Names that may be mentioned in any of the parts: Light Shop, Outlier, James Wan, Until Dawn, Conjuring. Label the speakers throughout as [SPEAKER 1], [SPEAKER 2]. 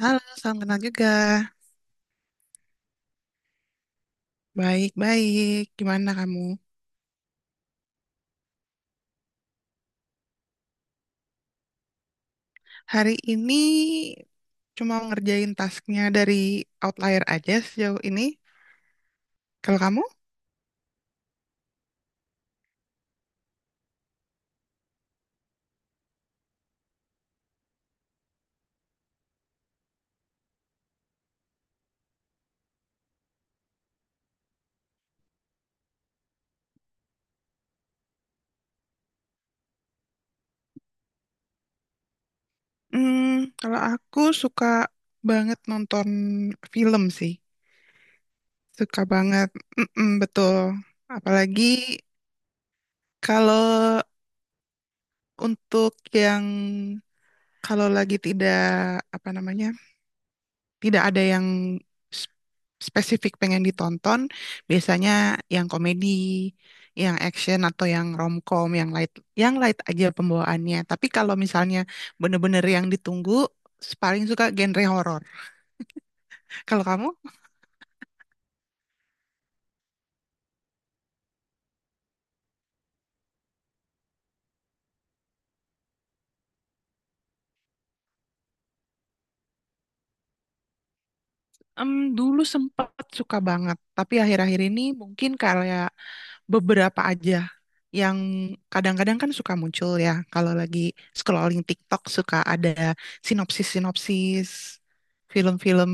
[SPEAKER 1] Halo, salam kenal juga. Baik-baik, gimana kamu? Hari ini cuma ngerjain tasknya dari Outlier aja sejauh ini. Kalau kamu? Hmm, kalau aku suka banget nonton film sih. Suka banget. Mm-mm, betul. Apalagi kalau untuk yang kalau lagi tidak, apa namanya, tidak ada yang s- spesifik pengen ditonton. Biasanya yang komedi, yang action atau yang romcom, yang light aja pembawaannya. Tapi kalau misalnya bener-bener yang ditunggu, paling suka genre horor. Kalau kamu? Em, Dulu sempat suka banget, tapi akhir-akhir ini mungkin kayak beberapa aja yang kadang-kadang kan suka muncul ya kalau lagi scrolling TikTok suka ada sinopsis-sinopsis film-film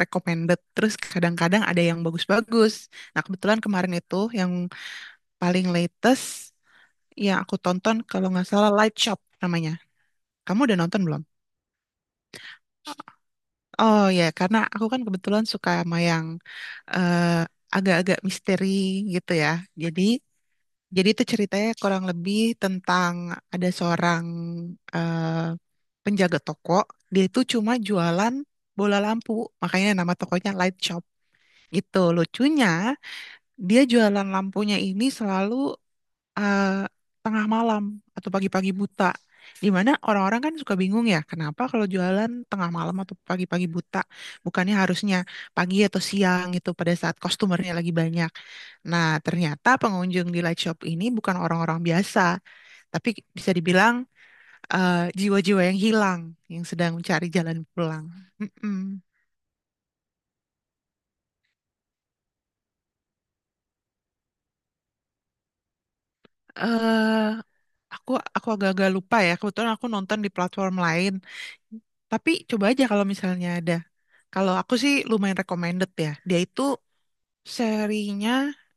[SPEAKER 1] recommended terus kadang-kadang ada yang bagus-bagus. Nah, kebetulan kemarin itu yang paling latest yang aku tonton kalau nggak salah Light Shop namanya. Kamu udah nonton belum? Oh ya, karena aku kan kebetulan suka sama yang eh, agak-agak misteri gitu ya. Jadi Jadi itu ceritanya kurang lebih tentang ada seorang eh, penjaga toko. Dia itu cuma jualan bola lampu, makanya nama tokonya Light Shop. Gitu lucunya, dia jualan lampunya ini selalu eh, tengah malam atau pagi-pagi buta. Dimana orang-orang kan suka bingung ya, kenapa kalau jualan tengah malam atau pagi-pagi buta, bukannya harusnya pagi atau siang gitu pada saat customernya lagi banyak. Nah, ternyata pengunjung di light shop ini bukan orang-orang biasa, tapi bisa dibilang eh, jiwa-jiwa yang hilang, yang sedang mencari jalan pulang. Mm-mm. Eh, aku aku agak-agak lupa ya, kebetulan aku nonton di platform lain. Tapi coba aja kalau misalnya ada. Kalau aku sih lumayan recommended ya. Dia itu serinya,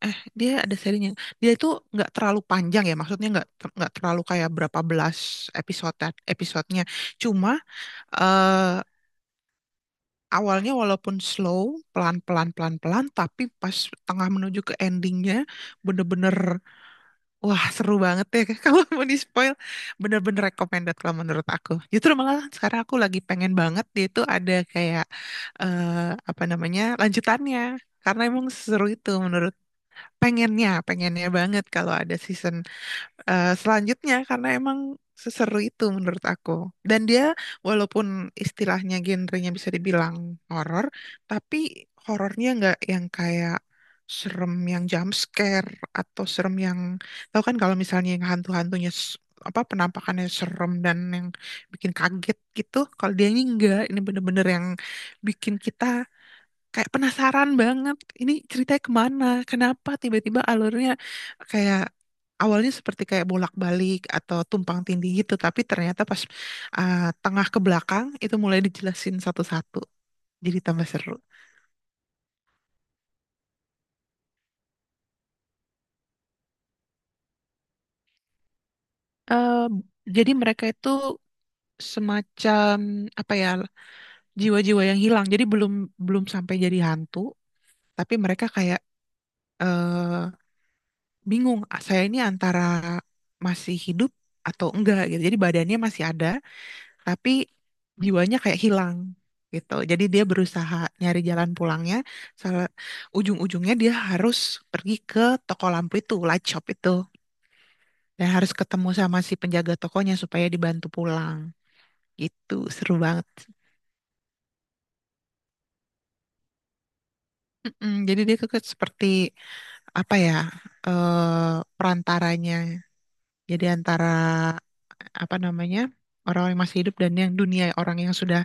[SPEAKER 1] eh dia ada serinya. Dia itu nggak terlalu panjang ya, maksudnya nggak terlalu kayak berapa belas episode episodenya. Cuma eh awalnya walaupun slow, pelan-pelan, pelan-pelan, tapi pas tengah menuju ke endingnya, bener-bener, wah seru banget ya. Kalau mau di-spoil, bener-bener recommended kalau menurut aku. Justru malah sekarang aku lagi pengen banget dia itu ada kayak, eh, apa namanya, lanjutannya. Karena emang seru itu menurut pengennya banget kalau ada season selanjutnya karena emang seseru itu menurut aku. Dan dia walaupun istilahnya genrenya bisa dibilang horor, tapi horornya nggak yang kayak serem yang jump scare atau serem yang tahu kan kalau misalnya yang hantu-hantunya apa penampakannya serem dan yang bikin kaget gitu. Kalau dia ini enggak, ini bener-bener yang bikin kita kayak penasaran banget ini ceritanya kemana, kenapa tiba-tiba alurnya kayak awalnya seperti kayak bolak-balik atau tumpang tindih gitu tapi ternyata pas uh, tengah ke belakang itu mulai dijelasin satu-satu jadi tambah seru. Eh, jadi mereka itu semacam, apa ya, jiwa-jiwa yang hilang, jadi belum belum sampai jadi hantu, tapi mereka kayak eh, bingung, "Ah, saya ini antara masih hidup atau enggak" gitu. Jadi badannya masih ada tapi jiwanya kayak hilang gitu. Jadi dia berusaha nyari jalan pulangnya. Salah ujung-ujungnya dia harus pergi ke toko lampu itu, light shop itu, dan harus ketemu sama si penjaga tokonya supaya dibantu pulang. Gitu, seru banget. Mm-mm, jadi dia seperti, apa ya, perantaranya. Jadi antara, apa namanya, orang yang masih hidup dan yang dunia orang yang sudah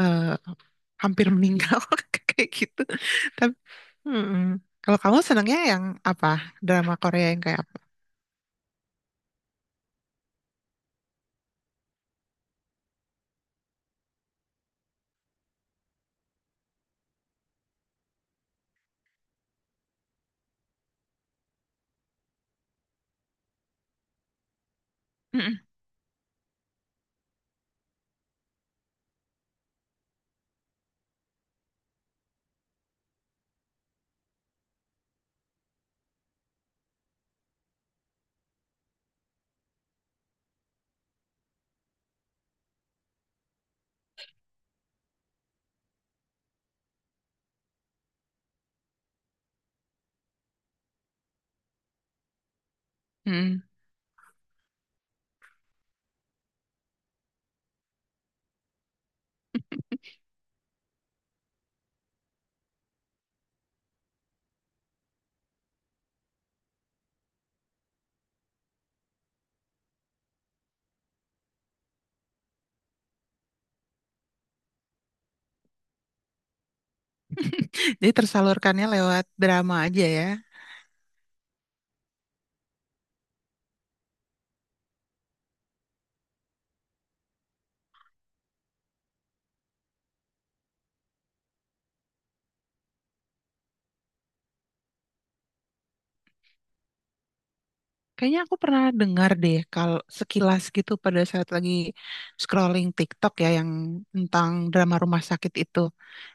[SPEAKER 1] eh, hampir meninggal kayak gitu. Tapi mm-mm. Kalau kamu senangnya yang apa? Drama Korea yang kayak apa? Mm-mm. Mm. Jadi tersalurkannya lewat drama aja ya. Kayaknya aku pernah dengar deh kalau sekilas gitu pada saat lagi scrolling TikTok ya yang tentang drama rumah sakit itu.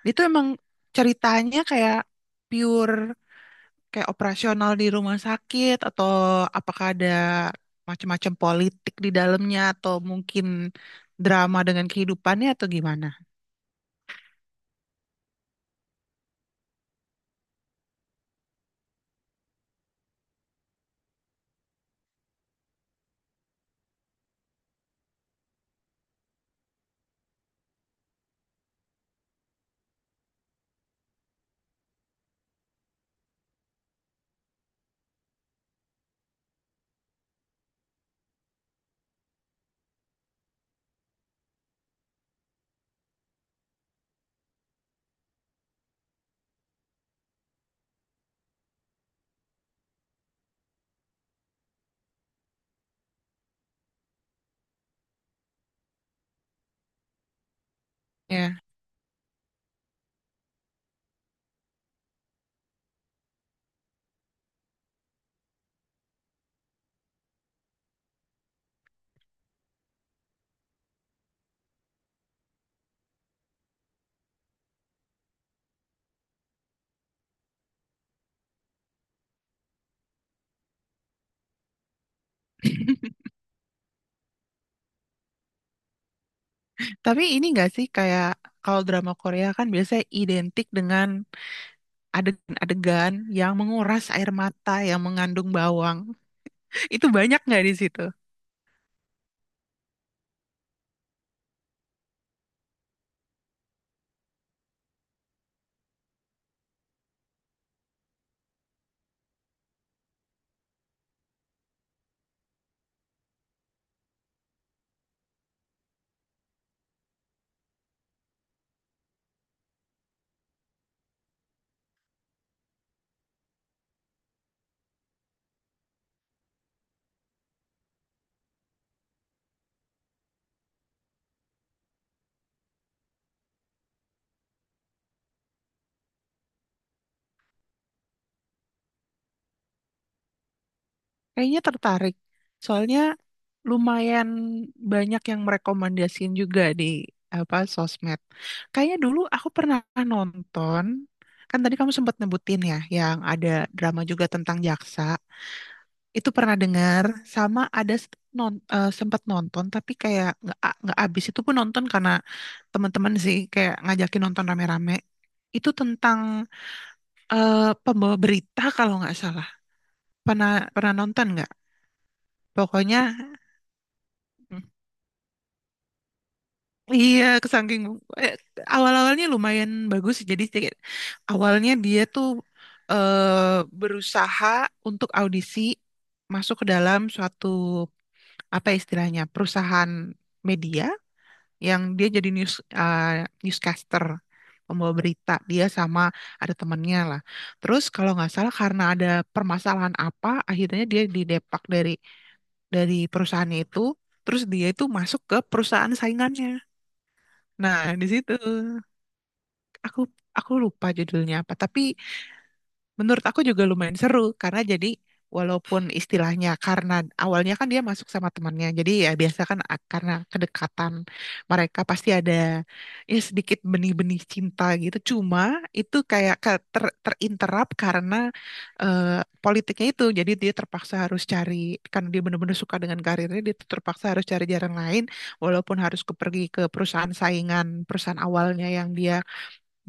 [SPEAKER 1] Itu emang ceritanya kayak pure kayak operasional di rumah sakit atau apakah ada macam-macam politik di dalamnya atau mungkin drama dengan kehidupannya atau gimana? Ya. Tapi ini nggak sih kayak kalau drama Korea kan biasanya identik dengan adegan-adegan yang menguras air mata yang mengandung bawang. Itu banyak nggak di situ? Kayaknya tertarik. Soalnya lumayan banyak yang merekomendasiin juga di apa sosmed. Kayaknya dulu aku pernah nonton, kan tadi kamu sempat nyebutin ya, yang ada drama juga tentang jaksa. Itu pernah dengar sama ada sempat nonton tapi kayak nggak abis itu pun nonton karena teman-teman sih kayak ngajakin nonton rame-rame. Itu tentang eh, pembawa berita kalau nggak salah. Pernah Pernah nonton nggak? Pokoknya mm, iya kesangking eh, awal-awalnya lumayan bagus jadi kayak awalnya dia tuh berusaha untuk audisi masuk ke dalam suatu apa istilahnya perusahaan media yang dia jadi eh, newscaster pembawa berita dia sama ada temannya lah terus kalau nggak salah karena ada permasalahan apa akhirnya dia didepak dari perusahaannya itu terus dia itu masuk ke perusahaan saingannya. Nah, di situ aku aku lupa judulnya apa, tapi menurut aku juga lumayan seru karena jadi walaupun istilahnya karena awalnya kan dia masuk sama temannya, jadi ya biasa kan karena kedekatan mereka pasti ada ya sedikit benih-benih cinta gitu. Cuma itu kayak terinterap karena eh, politiknya itu, jadi dia terpaksa harus cari karena dia benar-benar suka dengan karirnya, dia tuh terpaksa harus cari jalan lain walaupun harus pergi ke perusahaan saingan perusahaan awalnya yang dia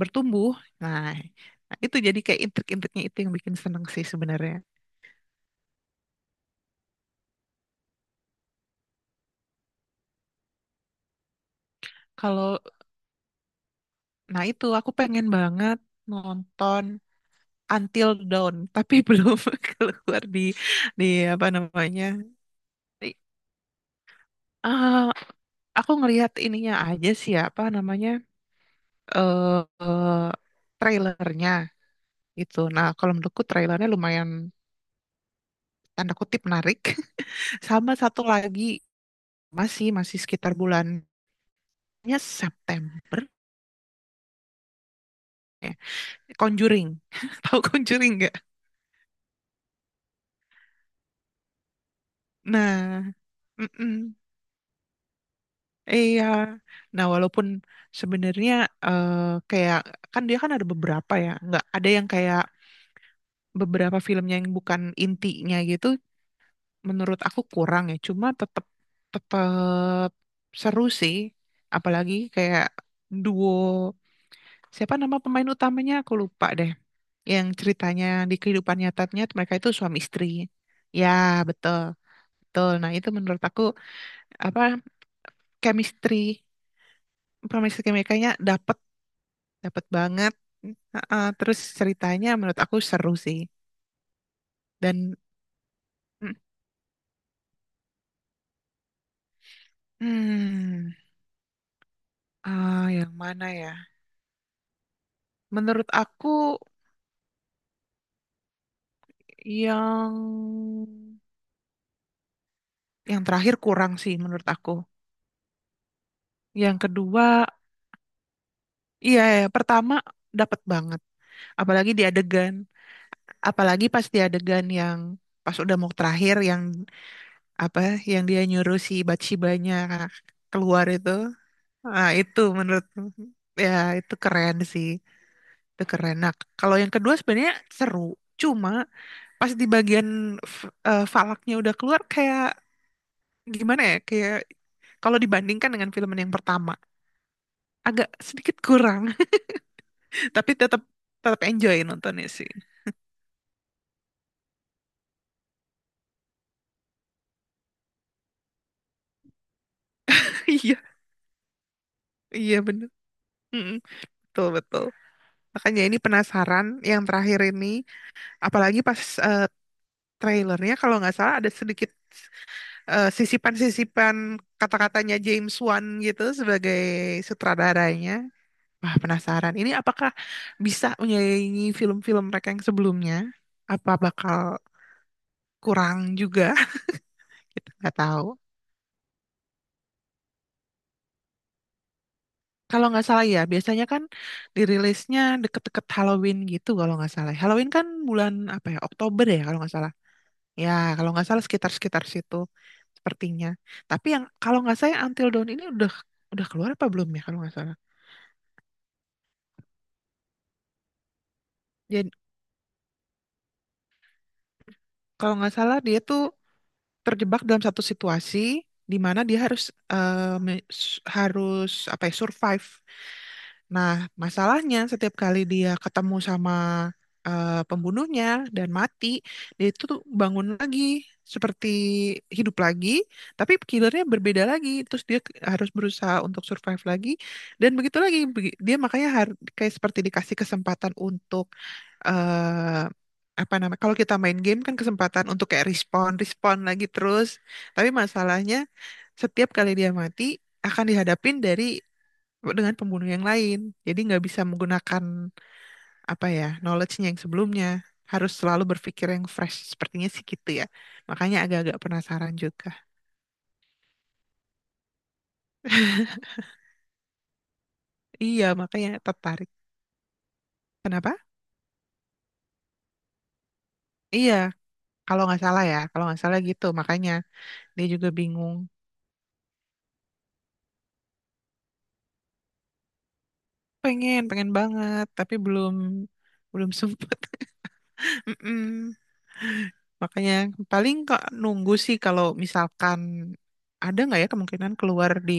[SPEAKER 1] bertumbuh. Nah, nah, itu jadi kayak intrik-intriknya itu yang bikin seneng sih sebenarnya. Kalau, nah itu aku pengen banget nonton Until Dawn, tapi belum keluar di di apa namanya? Di- ah, aku ngelihat ininya aja sih ya, apa namanya? eh eh, Trailernya gitu. Nah, kalau menurutku trailernya lumayan tanda kutip menarik. Sama satu lagi masih masih sekitar bulannya September. Ya. Conjuring. Tahu Conjuring nggak? Nah, mm-mm. Iya. Nah, walaupun sebenarnya eh, kayak kan dia kan ada beberapa ya, nggak ada yang kayak beberapa filmnya yang bukan intinya gitu. Menurut aku kurang ya. Cuma tetap tetap seru sih. Apalagi kayak duo siapa nama pemain utamanya aku lupa deh. Yang ceritanya di kehidupan nyatanya mereka itu suami istri. Ya, betul. Betul. Nah, itu menurut aku apa chemistry chemistry mereka-nya dapet, dapet banget. Heeh, terus ceritanya menurut aku seru sih dan hmm, ah, yang mana ya, menurut aku yang yang terakhir kurang sih menurut aku, yang kedua iya ya pertama dapat banget. Apalagi di apalagi pas di adegan yang pas udah mau terakhir yang apa, yang dia nyuruh si Bathsheba-nya keluar itu. Ah, itu menurut, ya itu keren sih. Itu keren. Nah, kalau yang kedua sebenarnya seru. Cuma pas di bagian falaknya udah keluar kayak gimana ya? Kayak kalau dibandingkan dengan film yang pertama agak sedikit kurang, tapi tetap tetap enjoy nontonnya sih. Iya, iya bener. Mm-mm, betul, betul. Makanya ini penasaran yang terakhir ini apalagi pas eh, trailernya kalau nggak salah ada sedikit sisipan-sisipan kata-katanya James Wan gitu sebagai sutradaranya. Wah, penasaran. Ini apakah bisa menyaingi film-film mereka yang sebelumnya? Apa bakal kurang juga? Kita nggak tahu. Kalau nggak salah ya, biasanya kan dirilisnya deket-deket Halloween gitu kalau nggak salah. Halloween kan bulan apa ya? Oktober ya kalau nggak salah. Ya, kalau nggak salah sekitar-sekitar situ sepertinya. Tapi yang kalau nggak salah yang Until Dawn ini udah keluar apa belum ya kalau nggak salah. Kalau nggak salah dia tuh terjebak dalam satu situasi di mana dia harus harus apa ya survive. Nah, masalahnya setiap kali dia ketemu sama pembunuhnya dan mati, dia itu tuh bangun lagi seperti hidup lagi, tapi killernya berbeda lagi. Terus dia harus berusaha untuk survive lagi dan begitu lagi. Dia makanya kayak seperti dikasih kesempatan untuk eh, apa namanya? Kalau kita main game kan kesempatan untuk kayak respon lagi terus. Tapi masalahnya setiap kali dia mati akan dihadapin dengan pembunuh yang lain. Jadi nggak bisa menggunakan apa ya knowledge-nya yang sebelumnya. Harus selalu berpikir yang fresh. Sepertinya sih gitu ya. Makanya agak-agak penasaran juga. Iya, makanya tertarik. Kenapa? Iya, kalau nggak salah ya, kalau nggak salah gitu. Makanya dia juga bingung. Pengen banget, tapi belum belum sempet. Mm-mm. Makanya paling kok nunggu sih kalau misalkan ada nggak ya kemungkinan keluar di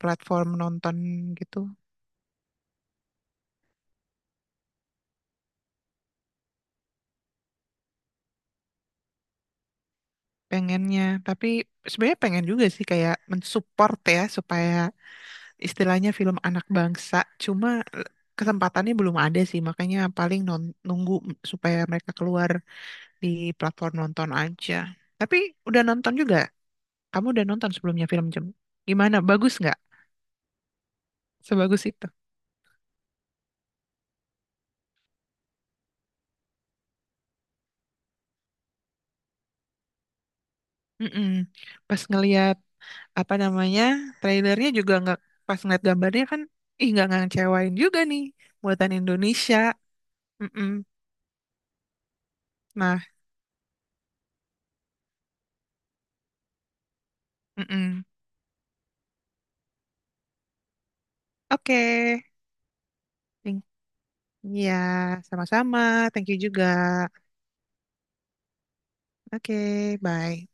[SPEAKER 1] platform nonton gitu. Pengennya tapi sebenarnya pengen juga sih kayak mensupport ya supaya istilahnya film anak bangsa cuma eh, kesempatannya belum ada sih makanya paling nunggu supaya mereka keluar di platform nonton aja. Tapi udah nonton juga, kamu udah nonton sebelumnya film Jem, gimana bagus nggak, sebagus itu? Mm-mm. Pas ngelihat apa namanya trailernya juga nggak, pas ngeliat gambarnya kan ih nggak ngecewain juga nih buatan Indonesia. Mm-mm. Nah, mm-mm. Oke, thank- iya, sama-sama. Thank you juga. Oke, bye.